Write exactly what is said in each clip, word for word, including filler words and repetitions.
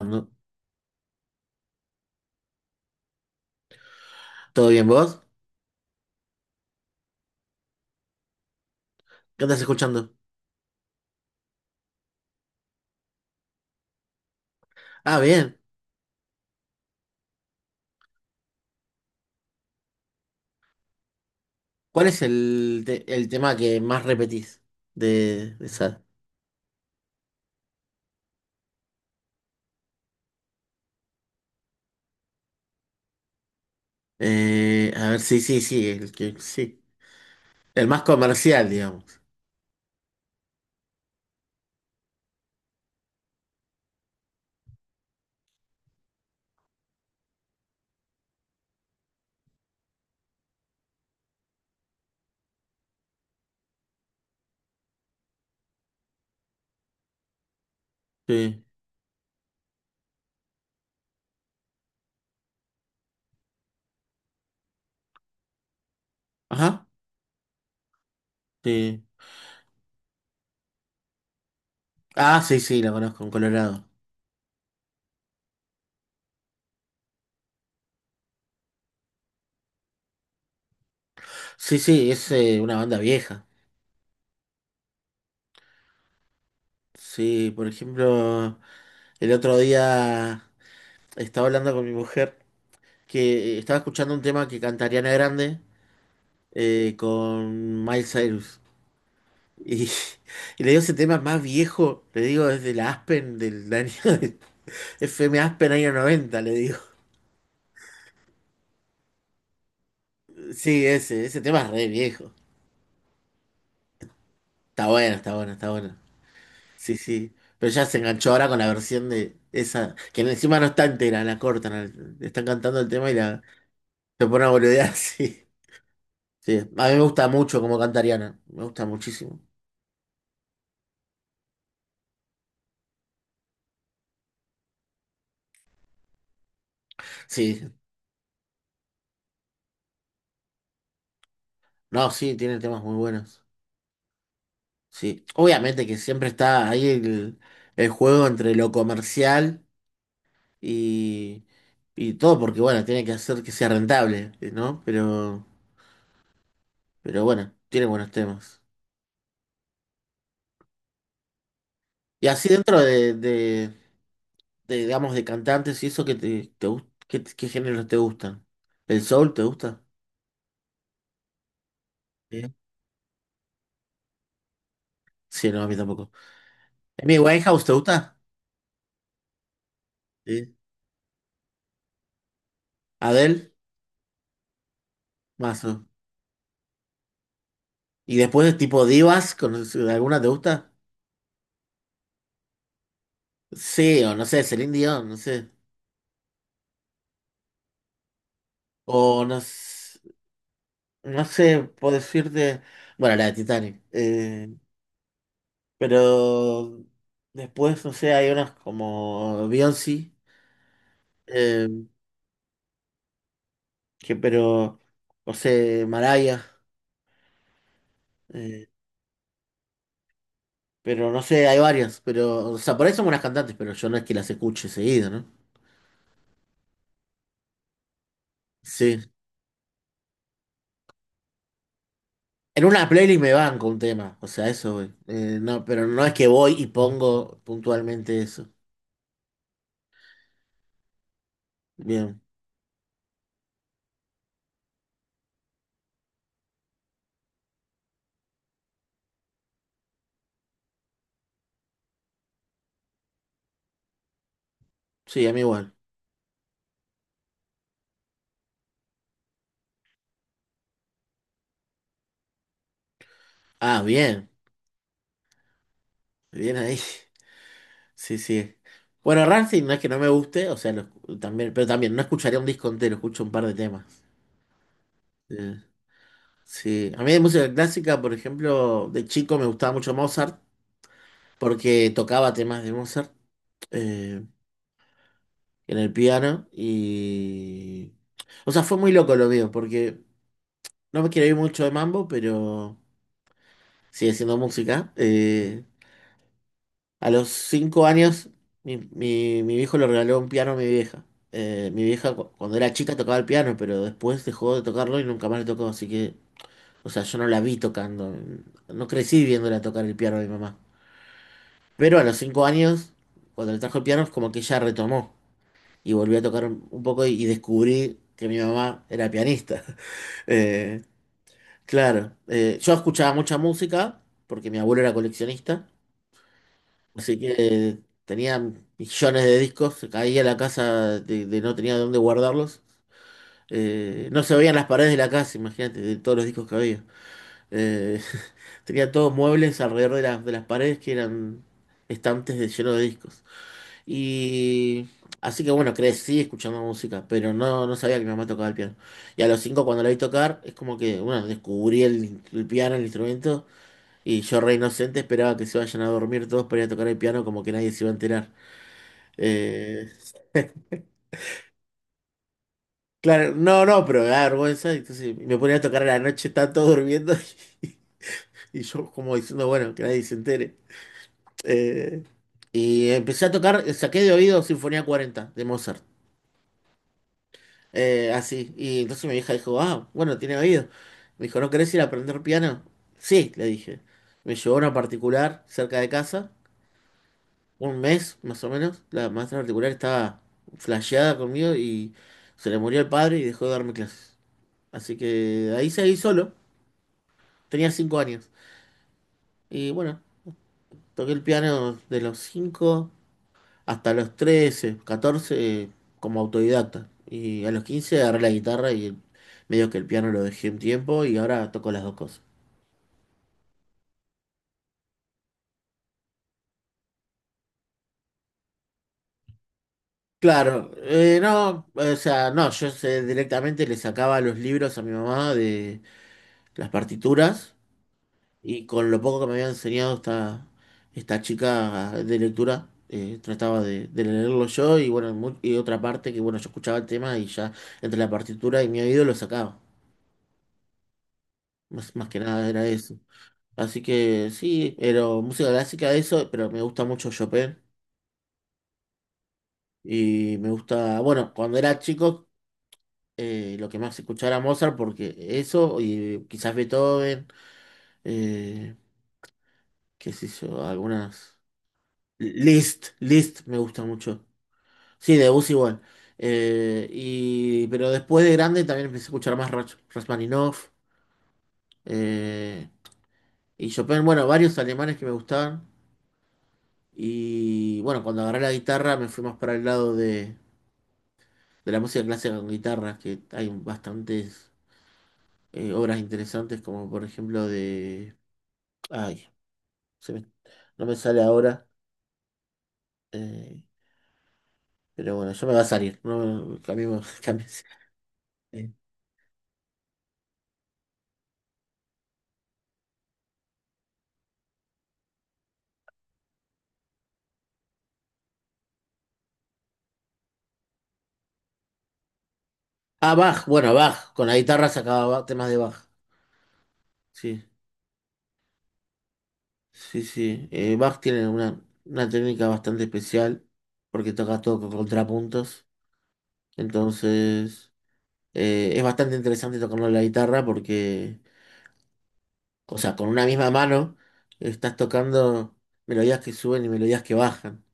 No. ¿Todo bien vos? ¿Qué estás escuchando? Ah, bien. ¿Cuál es el, te- el tema que más repetís de, de esa? Eh, a ver, sí, sí, sí, el que sí. El más comercial, digamos. Sí. Ajá. Sí. Ah, sí, sí, la conozco en Colorado. Sí, sí, es eh, una banda vieja. Sí, por ejemplo, el otro día estaba hablando con mi mujer que estaba escuchando un tema que canta Ariana Grande eh, con Miles Cyrus. Y, y le digo ese tema más viejo, le digo desde la Aspen del año F M Aspen año noventa le digo. Sí, ese, ese tema es re viejo. Está bueno, está bueno, está bueno. Sí, sí. Pero ya se enganchó ahora con la versión de esa, que encima no está entera, la cortan, al- están cantando el tema y la se pone a boludear, sí. Sí, a mí me gusta mucho como canta Ariana, me gusta muchísimo. Sí, no, sí, tiene temas muy buenos. Sí, obviamente que siempre está ahí el, el juego entre lo comercial y, y todo, porque bueno, tiene que hacer que sea rentable, eh, ¿no? Pero, pero bueno, tiene buenos temas. Y así dentro de, de, de, digamos, de cantantes y eso, ¿qué, te, te gust- qué, qué géneros te gustan? ¿El soul te gusta? Sí, sí, no, a mí tampoco. ¿Amy Winehouse te gusta? Sí. ¿Adele? Mazo. ¿Y después de tipo divas, con, alguna te gusta? Sí, o no sé, Celine Dion, no sé. O no, s- no sé, puedo decirte, bueno, la de Titanic, eh, pero después, no sé, hay unas como Beyoncé, eh, que pero, no sé, Mariah, eh, pero no sé, hay varias, pero, o sea, por ahí son buenas cantantes, pero yo no es que las escuche seguido, ¿no? Sí. En una playlist me van con un tema, o sea, eso, voy. Eh, no, pero no es que voy y pongo puntualmente eso. Bien, sí, a mí igual. Ah, bien, bien ahí. Sí, sí. Bueno, Rammstein no es que no me guste, o sea, lo también, pero también no escucharía un disco entero, escucho un par de temas. Eh, sí, a mí de música clásica, por ejemplo, de chico me gustaba mucho Mozart, porque tocaba temas de Mozart eh, en el piano y... O sea, fue muy loco lo mío, porque no me quiero ir mucho de mambo, pero sigue siendo música. eh, A los cinco años, mi, mi, mi viejo le regaló un piano a mi vieja. Eh, mi vieja cu- cuando era chica tocaba el piano, pero después dejó de tocarlo y nunca más le tocó, así que, o sea, yo no la vi tocando. No crecí viéndola tocar el piano a mi mamá. Pero a los cinco años, cuando le trajo el piano, es como que ella retomó y volvió a tocar un un poco y, y descubrí que mi mamá era pianista. Eh, claro, eh, yo escuchaba mucha música porque mi abuelo era coleccionista. Así que tenía millones de discos, se caía la casa de, de no tenía dónde guardarlos. Eh, no se veían las paredes de la casa, imagínate, de todos los discos que había. Eh, tenía todos muebles alrededor de, las de las paredes que eran estantes de, llenos de discos. Y así que bueno, crecí escuchando música, pero no, no sabía que mi mamá tocaba el piano. Y a los cinco cuando la vi tocar, es como que, bueno, descubrí el, el piano, el instrumento, y yo re inocente esperaba que se vayan a dormir todos para ir a tocar el piano como que nadie se iba a enterar. Eh, claro, no, no, pero me da vergüenza. Entonces me ponía a tocar a la noche, estaban todos durmiendo y, yo como diciendo, bueno, que nadie se entere. Eh, y empecé a tocar, saqué de oído Sinfonía cuarenta de Mozart. Eh, así. Y entonces mi hija dijo, ah, bueno, tiene oído. Me dijo, ¿no querés ir a aprender piano? Sí, le dije. Me llevó a una particular cerca de casa, un mes más o menos. La maestra particular estaba flasheada conmigo y se le murió el padre y dejó de darme clases. Así que ahí seguí solo. Tenía cinco años. Y bueno, toqué el piano de los cinco hasta los trece, catorce eh, como autodidacta. Y a los quince agarré la guitarra y medio que el piano lo dejé un tiempo y ahora toco las dos cosas. Claro, eh, no, o sea, no, yo sé, directamente le sacaba los libros a mi mamá de las partituras. Y con lo poco que me había enseñado esta, esta chica de lectura, eh, trataba de, de leerlo yo y bueno, mu- y otra parte que bueno, yo escuchaba el tema y ya entre la partitura y mi oído lo sacaba. Más, más que nada era eso. Así que sí, pero música clásica eso, pero me gusta mucho Chopin y me gusta, bueno, cuando era chico eh, lo que más escuchaba era Mozart porque eso y quizás Beethoven, eh, qué sé yo, algunas... List, List me gusta mucho. Sí, de Bus igual. Eh, y, pero después de grande también empecé a escuchar más Rach- Rachmaninoff eh, y Chopin. Bueno, varios alemanes que me gustaban. Y bueno, cuando agarré la guitarra me fui más para el lado de, de la música clásica con guitarras, que hay bastantes eh, obras interesantes, como por ejemplo de... Ay, se me- no me sale ahora. eh, pero bueno, yo me va a salir. No, cambiemos, cambiemos. Eh, Ah, Bach, bueno, Bach. Con la guitarra sacaba Bach- temas de Bach. Sí. Sí, sí. Eh, Bach tiene una, una técnica bastante especial porque toca todo con contrapuntos. Entonces, eh, es bastante interesante tocando la guitarra porque, o sea, con una misma mano estás tocando melodías que suben y melodías que bajan.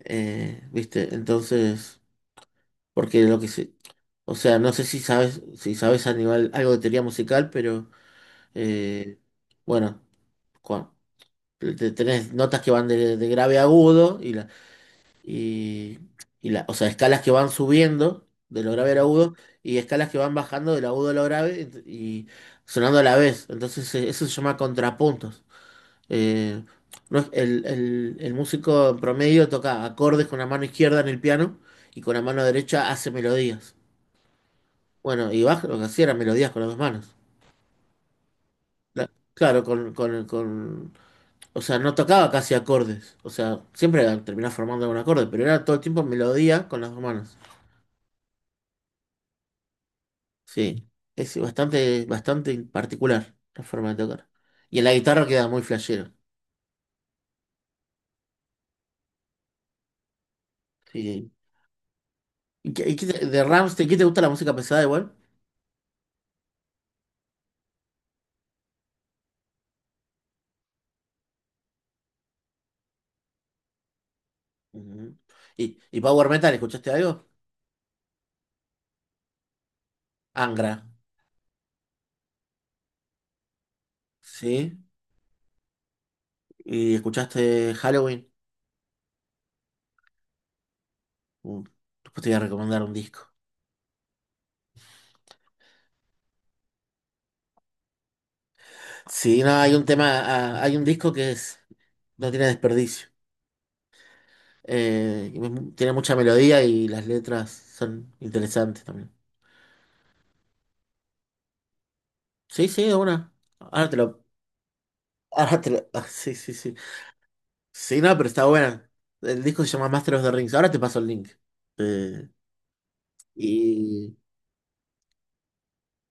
Eh, ¿viste? Entonces, porque lo que se, o sea, no sé si sabes, si sabes a nivel algo de teoría musical, pero eh, bueno, cua- te- tenés notas que van de, de grave a agudo y las y, y la, o sea, escalas que van subiendo de lo grave al agudo y escalas que van bajando del agudo a lo grave ent- y sonando a la vez. Entonces eh, eso se llama contrapuntos. Eh, no es- el, el- el músico en promedio toca acordes con la mano izquierda en el piano y con la mano derecha hace melodías. Bueno, y Bach lo que hacía eran melodías con las dos manos. La- claro, con, con, con- o sea, no tocaba casi acordes. O sea, siempre terminaba formando un acorde, pero era todo el tiempo melodía con las dos manos. Sí, es bastante, bastante particular la forma de tocar. Y en la guitarra queda muy flashero. Sí. ¿Y qué- y qué te- de Rammstein, ¿qué te gusta la música pesada igual? Ujú. ¿Y, y Power Metal, escuchaste algo? Angra, ¿sí? ¿Y escuchaste Halloween? Uh, después te voy a recomendar un disco. Sí, no, hay un tema, ah, hay un disco que es, no tiene desperdicio. Eh, y mu- tiene mucha melodía y las letras son interesantes también. Sí, sí, de una. Ahora te lo, ahora te lo, ah, sí, sí, sí. Sí, no, pero está buena. El disco se llama Master of the Rings. Ahora te paso el link. Eh, y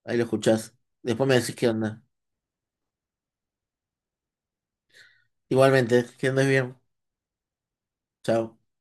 ahí lo escuchás. Después me decís qué onda. Igualmente, que andes bien. Chao.